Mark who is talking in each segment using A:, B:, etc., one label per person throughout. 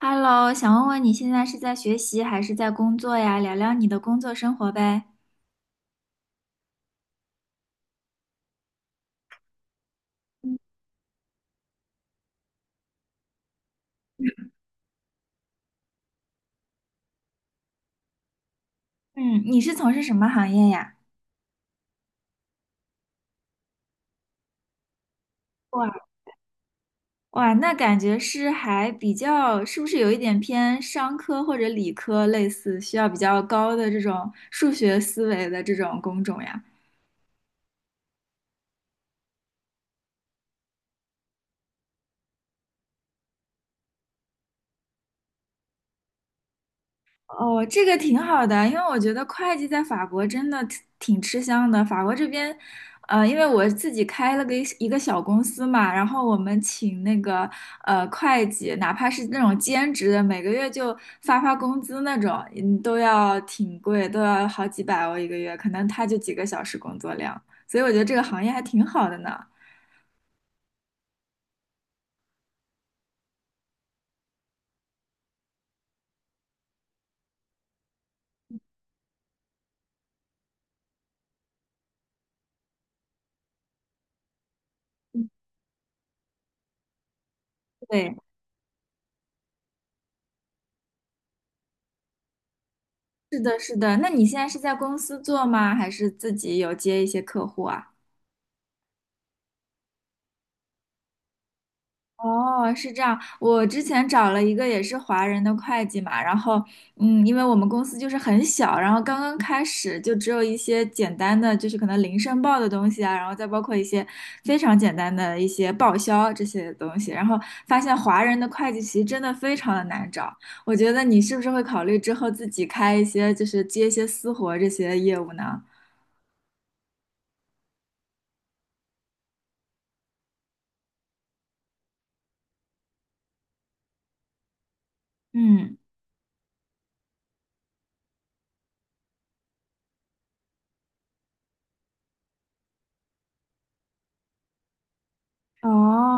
A: Hello，想问问你现在是在学习还是在工作呀？聊聊你的工作生活呗。嗯，你是从事什么行业呀？哇哇，那感觉是还比较，是不是有一点偏商科或者理科类似，需要比较高的这种数学思维的这种工种呀？哦，这个挺好的，因为我觉得会计在法国真的挺吃香的。法国这边，因为我自己开了个一个小公司嘛，然后我们请那个会计，哪怕是那种兼职的，每个月就发工资那种，嗯，都要挺贵，都要好几百欧一个月，可能他就几个小时工作量，所以我觉得这个行业还挺好的呢。对，是的，是的。那你现在是在公司做吗？还是自己有接一些客户啊？哦，是这样。我之前找了一个也是华人的会计嘛，然后，嗯，因为我们公司就是很小，然后刚刚开始就只有一些简单的，就是可能零申报的东西啊，然后再包括一些非常简单的一些报销这些东西，然后发现华人的会计其实真的非常的难找。我觉得你是不是会考虑之后自己开一些，就是接一些私活这些业务呢？嗯。哦，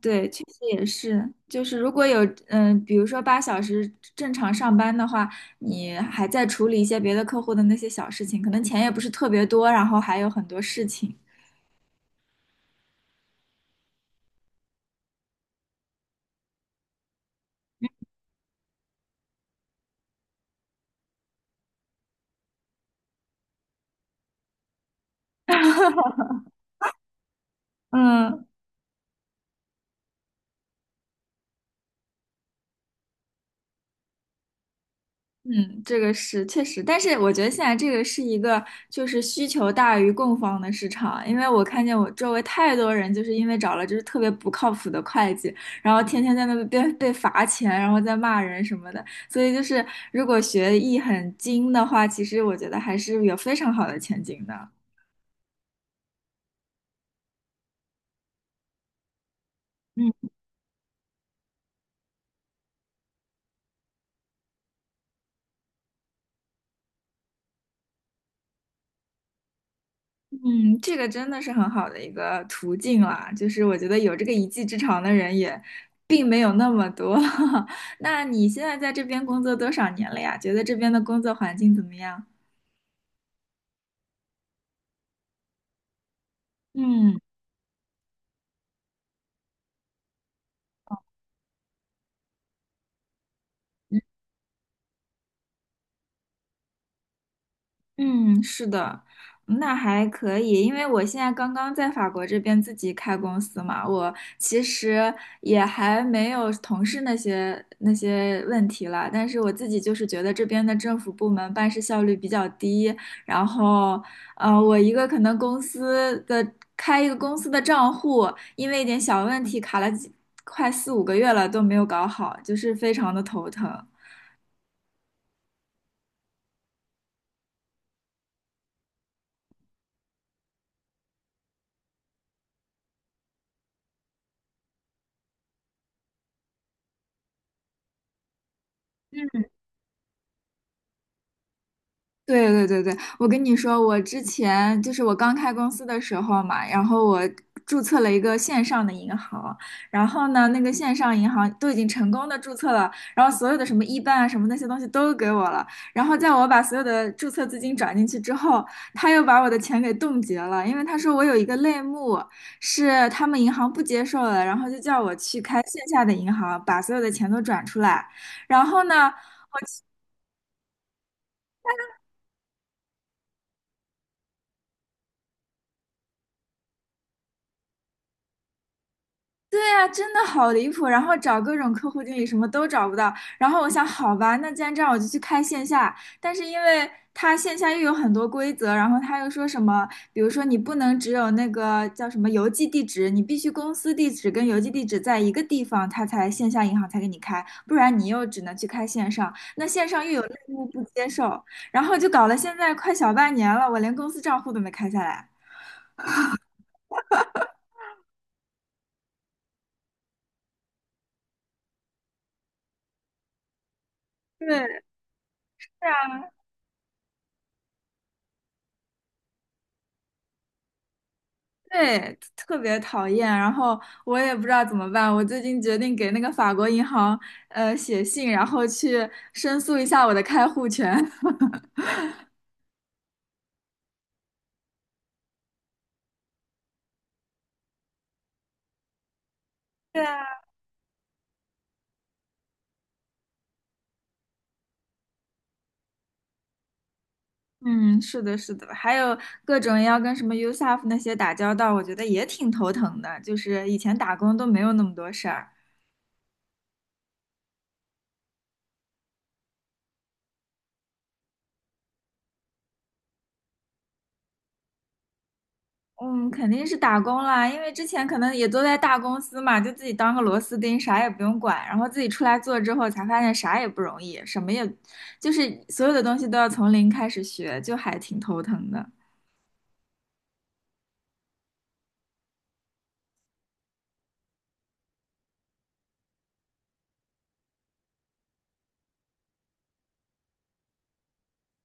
A: 对，确实也是，就是如果有，嗯、比如说八小时正常上班的话，你还在处理一些别的客户的那些小事情，可能钱也不是特别多，然后还有很多事情。嗯。嗯，这个是确实，但是我觉得现在这个是一个就是需求大于供方的市场，因为我看见我周围太多人就是因为找了就是特别不靠谱的会计，然后天天在那边被罚钱，然后在骂人什么的，所以就是如果学艺很精的话，其实我觉得还是有非常好的前景的。嗯。嗯，这个真的是很好的一个途径啦，就是我觉得有这个一技之长的人也并没有那么多。那你现在在这边工作多少年了呀？觉得这边的工作环境怎么样？嗯。嗯，是的，嗯那还可以，因为我现在刚刚在法国这边自己开公司嘛，我其实也还没有同事那些问题了，但是我自己就是觉得这边的政府部门办事效率比较低，然后，我一个可能公司的开一个公司的账户，因为一点小问题卡了几快四五个月了都没有搞好，就是非常的头疼。对，我跟你说，我之前就是我刚开公司的时候嘛，然后我注册了一个线上的银行，然后呢，那个线上银行都已经成功的注册了，然后所有的什么一办啊什么那些东西都给我了，然后在我把所有的注册资金转进去之后，他又把我的钱给冻结了，因为他说我有一个类目是他们银行不接受的，然后就叫我去开线下的银行，把所有的钱都转出来。然后呢？对呀，真的好离谱，然后找各种客户经理什么都找不到，然后我想，好吧，那既然这样，我就去开线下。但是因为他线下又有很多规则，然后他又说什么，比如说你不能只有那个叫什么邮寄地址，你必须公司地址跟邮寄地址在一个地方，他才线下银行才给你开，不然你又只能去开线上。那线上又有内幕不接受，然后就搞了现在快小半年了，我连公司账户都没开下来。对，啊。对，特别讨厌，然后我也不知道怎么办。我最近决定给那个法国银行写信，然后去申诉一下我的开户权。对啊，嗯，是的，是的，还有各种要跟什么 USAF 那些打交道，我觉得也挺头疼的。就是以前打工都没有那么多事儿。嗯，肯定是打工啦，因为之前可能也都在大公司嘛，就自己当个螺丝钉，啥也不用管，然后自己出来做之后，才发现啥也不容易，什么也，就是所有的东西都要从零开始学，就还挺头疼的。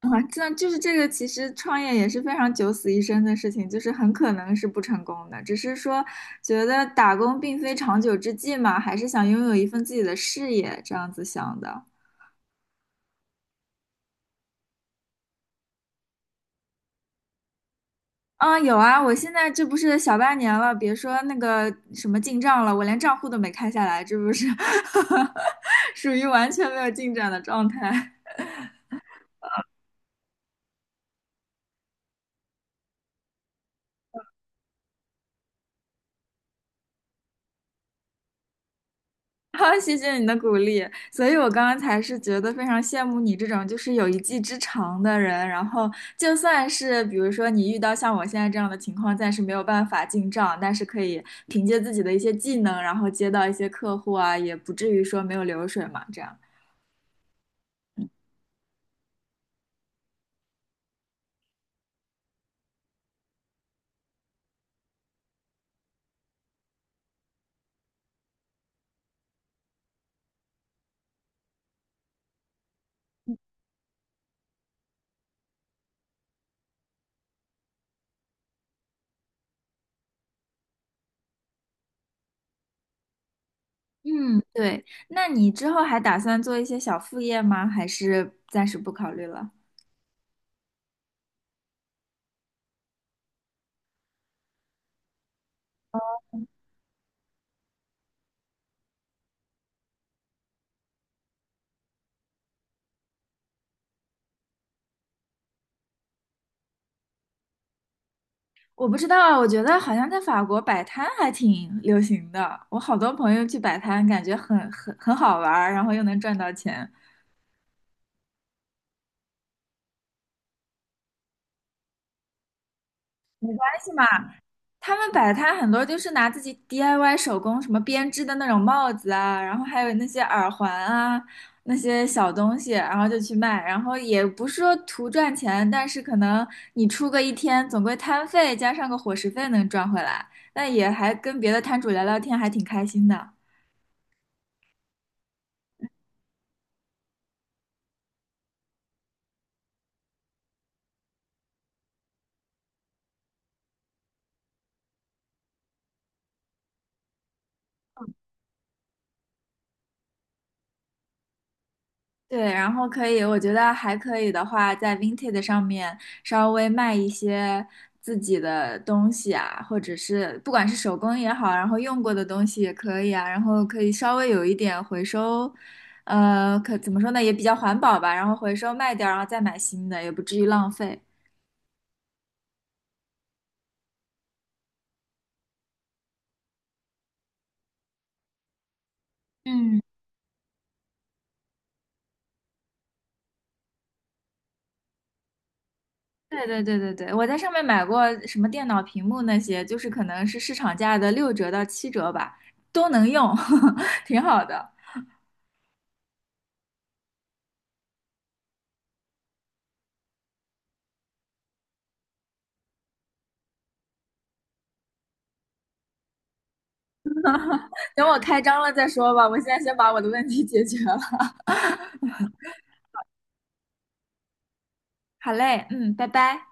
A: 啊，这就是这个，其实创业也是非常九死一生的事情，就是很可能是不成功的，只是说觉得打工并非长久之计嘛，还是想拥有一份自己的事业，这样子想的。啊，有啊，我现在这不是小半年了，别说那个什么进账了，我连账户都没开下来，这不是 属于完全没有进展的状态。好，谢谢你的鼓励，所以我刚刚才是觉得非常羡慕你这种就是有一技之长的人，然后就算是比如说你遇到像我现在这样的情况，暂时没有办法进账，但是可以凭借自己的一些技能，然后接到一些客户啊，也不至于说没有流水嘛，这样。嗯，对。那你之后还打算做一些小副业吗？还是暂时不考虑了？我不知道啊，我觉得好像在法国摆摊还挺流行的。我好多朋友去摆摊，感觉很好玩儿然后又能赚到钱。还行吧。他们摆摊很多就是拿自己 DIY 手工什么编织的那种帽子啊，然后还有那些耳环啊，那些小东西，然后就去卖，然后也不是说图赚钱，但是可能你出个一天，总归摊费加上个伙食费能赚回来，那也还跟别的摊主聊聊天，还挺开心的。对，然后可以，我觉得还可以的话，在 Vinted 上面稍微卖一些自己的东西啊，或者是不管是手工也好，然后用过的东西也可以啊，然后可以稍微有一点回收，可怎么说呢，也比较环保吧，然后回收卖掉，然后再买新的，也不至于浪费。嗯，对，我在上面买过什么电脑屏幕那些，就是可能是市场价的六折到七折吧，都能用，挺好的。等我开张了再说吧，我现在先把我的问题解决了。好嘞，嗯，拜拜。